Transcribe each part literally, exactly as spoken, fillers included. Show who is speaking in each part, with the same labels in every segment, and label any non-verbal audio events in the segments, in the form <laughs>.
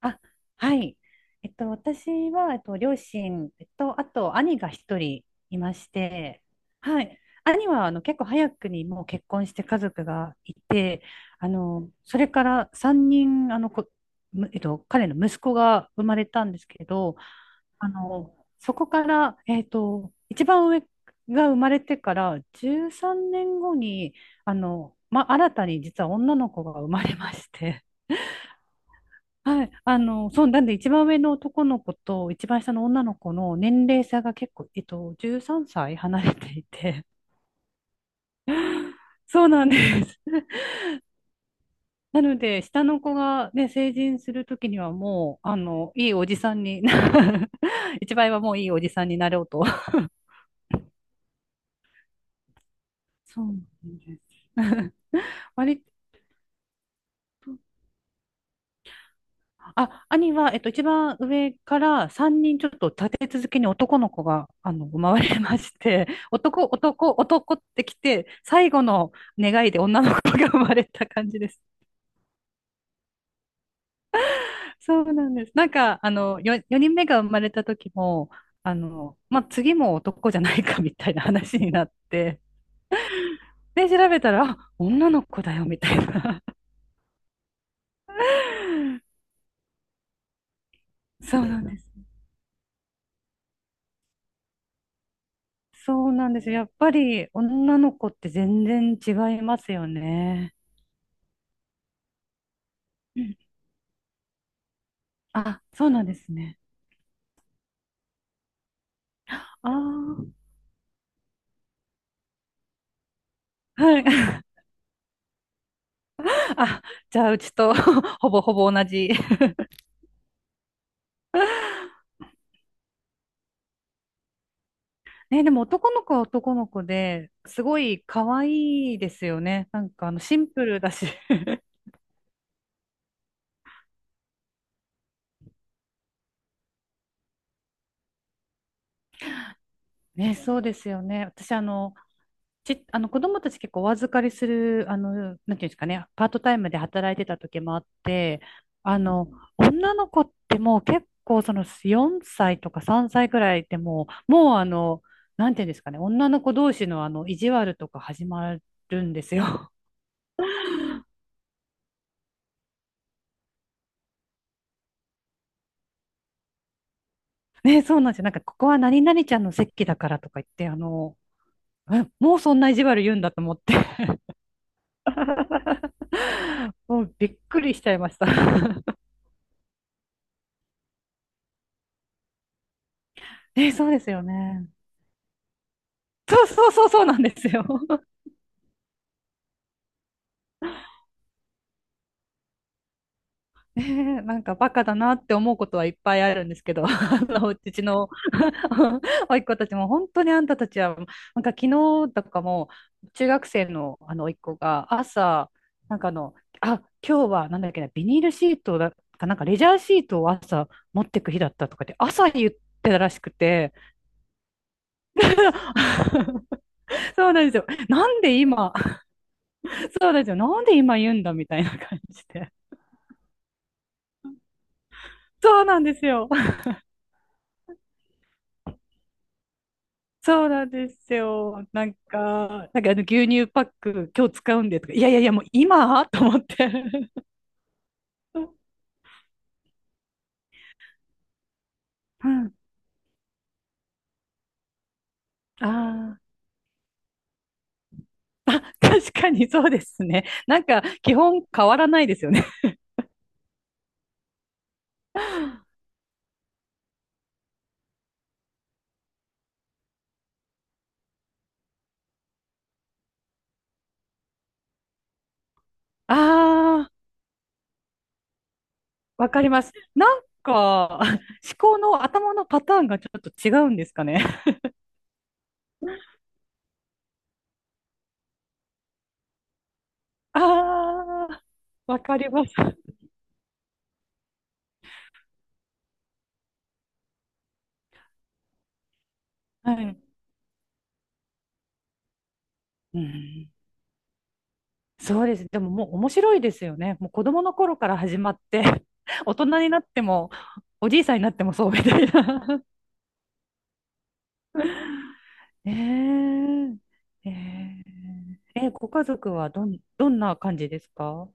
Speaker 1: あ、はい。えっと、私は、えっと、両親、えっと、あと、兄が一人いまして、はい。兄は、あの、結構早くにもう結婚して家族がいて、あの、それからさんにん、あの、こ、むえっと、彼の息子が生まれたんですけど、あの、そこから、えっと、一番上が生まれてからじゅうさんねんごに、あの、ま、新たに実は女の子が生まれまして、はい、あの、そう、なんで一番上の男の子と一番下の女の子の年齢差が結構、えっと、じゅうさんさい離れていて、<laughs> そうなんです。<laughs> なので、下の子がね、成人するときにはもう、あの、いいおじさんに、<laughs> 一番上はもういいおじさんになろうと。<laughs> そうなんです。<laughs> 割あ、兄は、えっと、一番上からさんにんちょっと立て続けに男の子が、あの、生まれまして、<laughs> 男、男、男ってきて、最後の願いで女の子が生まれた感じです。そうなんです。なんか、あの、よ、よにんめが生まれた時も、あの、まあ、次も男じゃないかみたいな話になって、で、調べたら、あ、女の子だよみたいな。<laughs> そうなんです。そうなんです。やっぱり女の子って全然違いますよね。あ、そうなんですね。ああ、<laughs> はい。<laughs> あ、じゃあ、うちと <laughs> ほぼほぼ同じ。<laughs> ね、でも男の子は男の子ですごい可愛いですよね。なんかあのシンプルだし。 <laughs> ね、そうですよね。私あの、ち、あの、子供たち結構お預かりする、あの、なんていうんですかね、パートタイムで働いてた時もあって、あの、女の子ってもう結構そのよんさいとかさんさいくらいでもう、もうあの、なんていうんですかね、女の子同士のあの、意地悪とか始まるんですよ。<laughs> ね、そうなんですよ。なんか、ここは何々ちゃんの席だからとか言って、あの、えもうそんな意地悪言うんだと思って。 <laughs> もうびっくりしちゃいました。 <laughs> ね、そうですよね。そうそうそうそうなんですよ。<laughs> えーなんかバカだなって思うことはいっぱいあるんですけど、<laughs> あの、うちの <laughs> 甥っ子たちも本当にあんたたちは、なんか昨日とかも中学生のあの甥っ子が朝、なんかあの、あ、今日はなんだっけな、ビニールシートだかなんかレジャーシートを朝持ってく日だったとかって朝言ってたらしくて、<laughs> そうなんですよ。なんで今、そうなんですよ。なんで今言うんだみたいな感じで。そうなんですよ。そうなんですよ。なんか、なんかあの牛乳パック今日使うんでとか、いやいやいや、もう今と思って。<laughs> うん。ああ、確かにそうですね。なんか基本変わらないですよね。<laughs> ああ、わかります。なんか、思考の頭のパターンがちょっと違うんですかね。ああ、わかります。はい。うん、そうです。でももう面白いですよね。もう子供の頃から始まって <laughs> 大人になっても、おじいさんになってもそうみたいな。 <laughs> ねえ。えええ、ご家族はどん、どんな感じですか？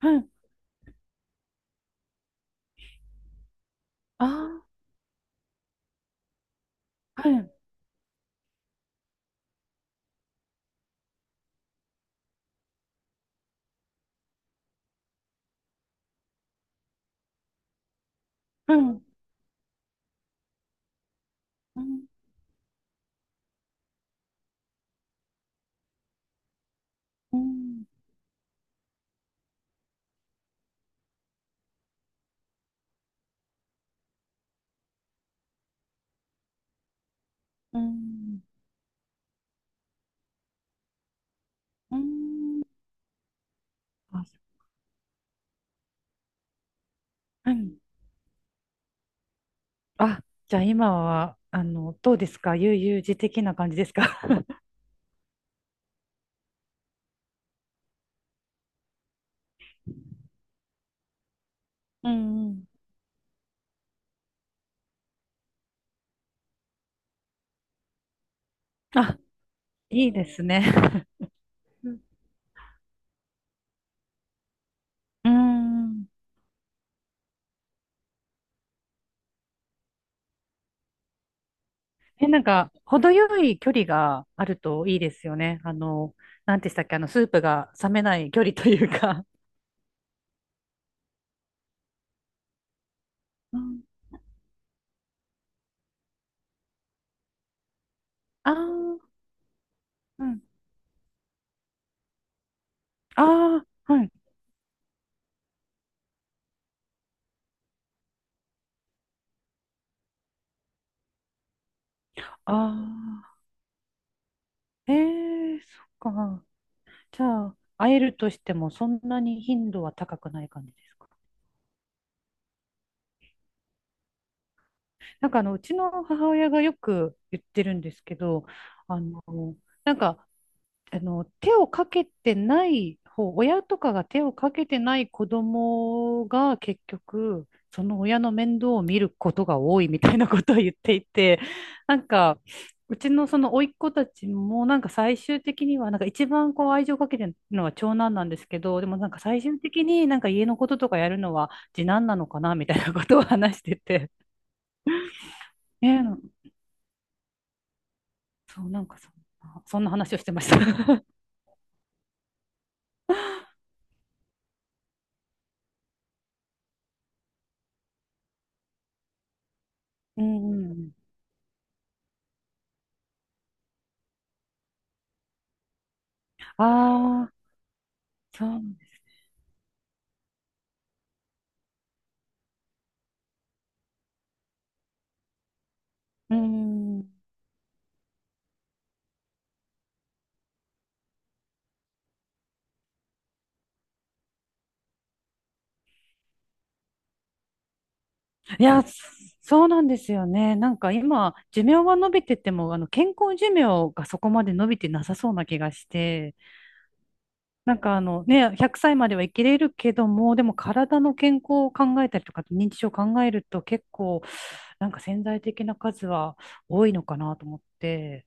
Speaker 1: はい。ああ、はい。うん。うん。うん。うん。うん、あ、はい。あ、じゃあ今は、あの、どうですか、悠々自適な感じですか？ <laughs> うんうん。あ、いいですね。うん。うん、え、なんか、程よい距離があるといいですよね。あの、なんてしたっけ、あの、スープが冷めない距離というか。うん、ああ、うん。ああ、はい。ああ、ええー、そっか。じゃあ、会えるとしても、そんなに頻度は高くない感じですか？なんか、あの、うちの母親がよく言ってるんですけど、あの、なんか、あの、手をかけてない方、親とかが手をかけてない子供が結局、その親の面倒を見ることが多いみたいなことを言っていて、なんか、うちのその甥っ子たちもなんか最終的にはなんか一番こう愛情かけてるのは長男なんですけど、でもなんか最終的になんか家のこととかやるのは次男なのかなみたいなことを話してて。ねえ、そう、なんかそんな、そんな話をしてました。<laughs> うんうん。<laughs> ああ、そう。うーん。いや、そそうなんですよね。なんか今、寿命は伸びてても、あの、健康寿命がそこまで伸びてなさそうな気がして、なんかあの、ね、ひゃくさいまでは生きれるけども、でも体の健康を考えたりとか、認知症を考えると結構、なんか潜在的な数は多いのかなと思って。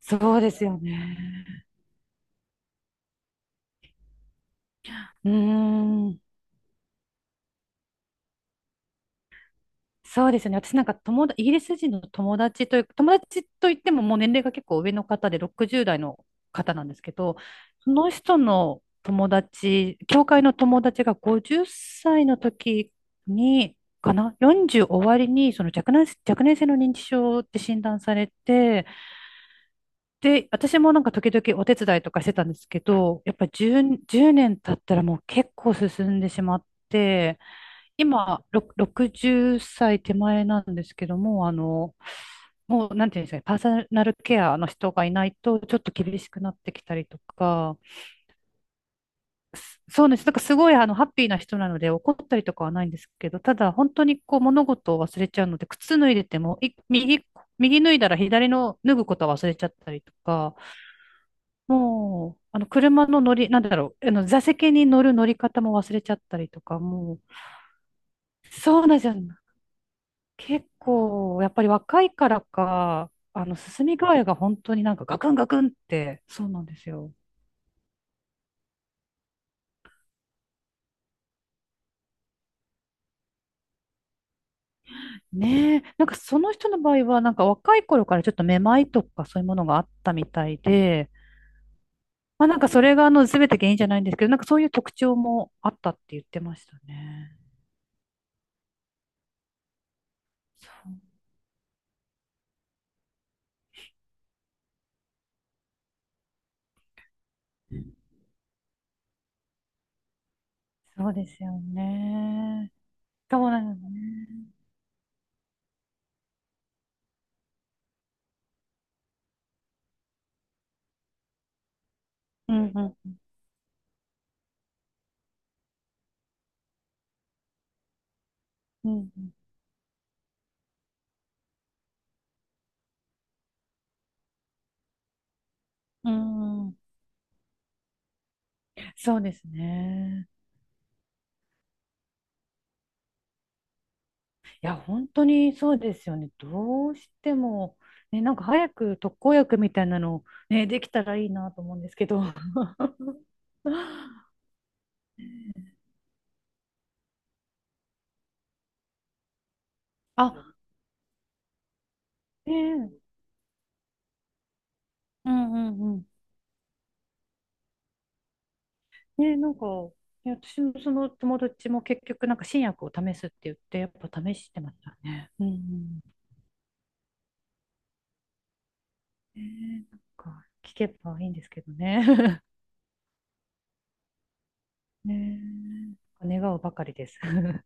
Speaker 1: そうですよね。うーん。そうですね。私なんか友達、イギリス人の友達という、友達といってももう年齢が結構上の方でろくじゅう代の方なんですけど、その人の友達、教会の友達がごじゅっさいの時に、かな？ よんじゅう 終わりに、その若年、若年性の認知症って診断されて、で、私もなんか時々お手伝いとかしてたんですけど、やっぱりじゅう、年経ったらもう結構進んでしまって、今、ろくろくじゅっさい手前なんですけども、あの、もう、なんていうんですかね、パーソナルケアの人がいないと、ちょっと厳しくなってきたりとか、すそうです。なんかすごい、あの、ハッピーな人なので、怒ったりとかはないんですけど、ただ、本当にこう、物事を忘れちゃうので、靴脱いでても、い右、右脱いだら左の脱ぐことは忘れちゃったりとか、もう、あの、車の乗り、なんだろう、あの、座席に乗る乗り方も忘れちゃったりとか、もう、そうなんですよ。結構、やっぱり若いからか、あの、進み具合が本当になんかガクンガクンって、そうなんですよ。ねえ、なんかその人の場合は、なんか若い頃からちょっとめまいとかそういうものがあったみたいで、まあなんかそれがあの全て原因じゃないんですけど、なんかそういう特徴もあったって言ってましたね。そうそうですよね。そうなのね。うんうん。うんうん。うん。そうですね。いや、本当にそうですよね。どうしても、ね、なんか早く特効薬みたいなの、ね、できたらいいなと思うんですけど。<laughs> あ、ねえ、うんうんうん。ねえ、なんか、ね、私もその友達も結局、なんか新薬を試すって言って、やっぱ試してましたね。うんうん。ねえ、なんか、聞けばいいんですけどね。<laughs> ねえ、願うばかりです。<laughs>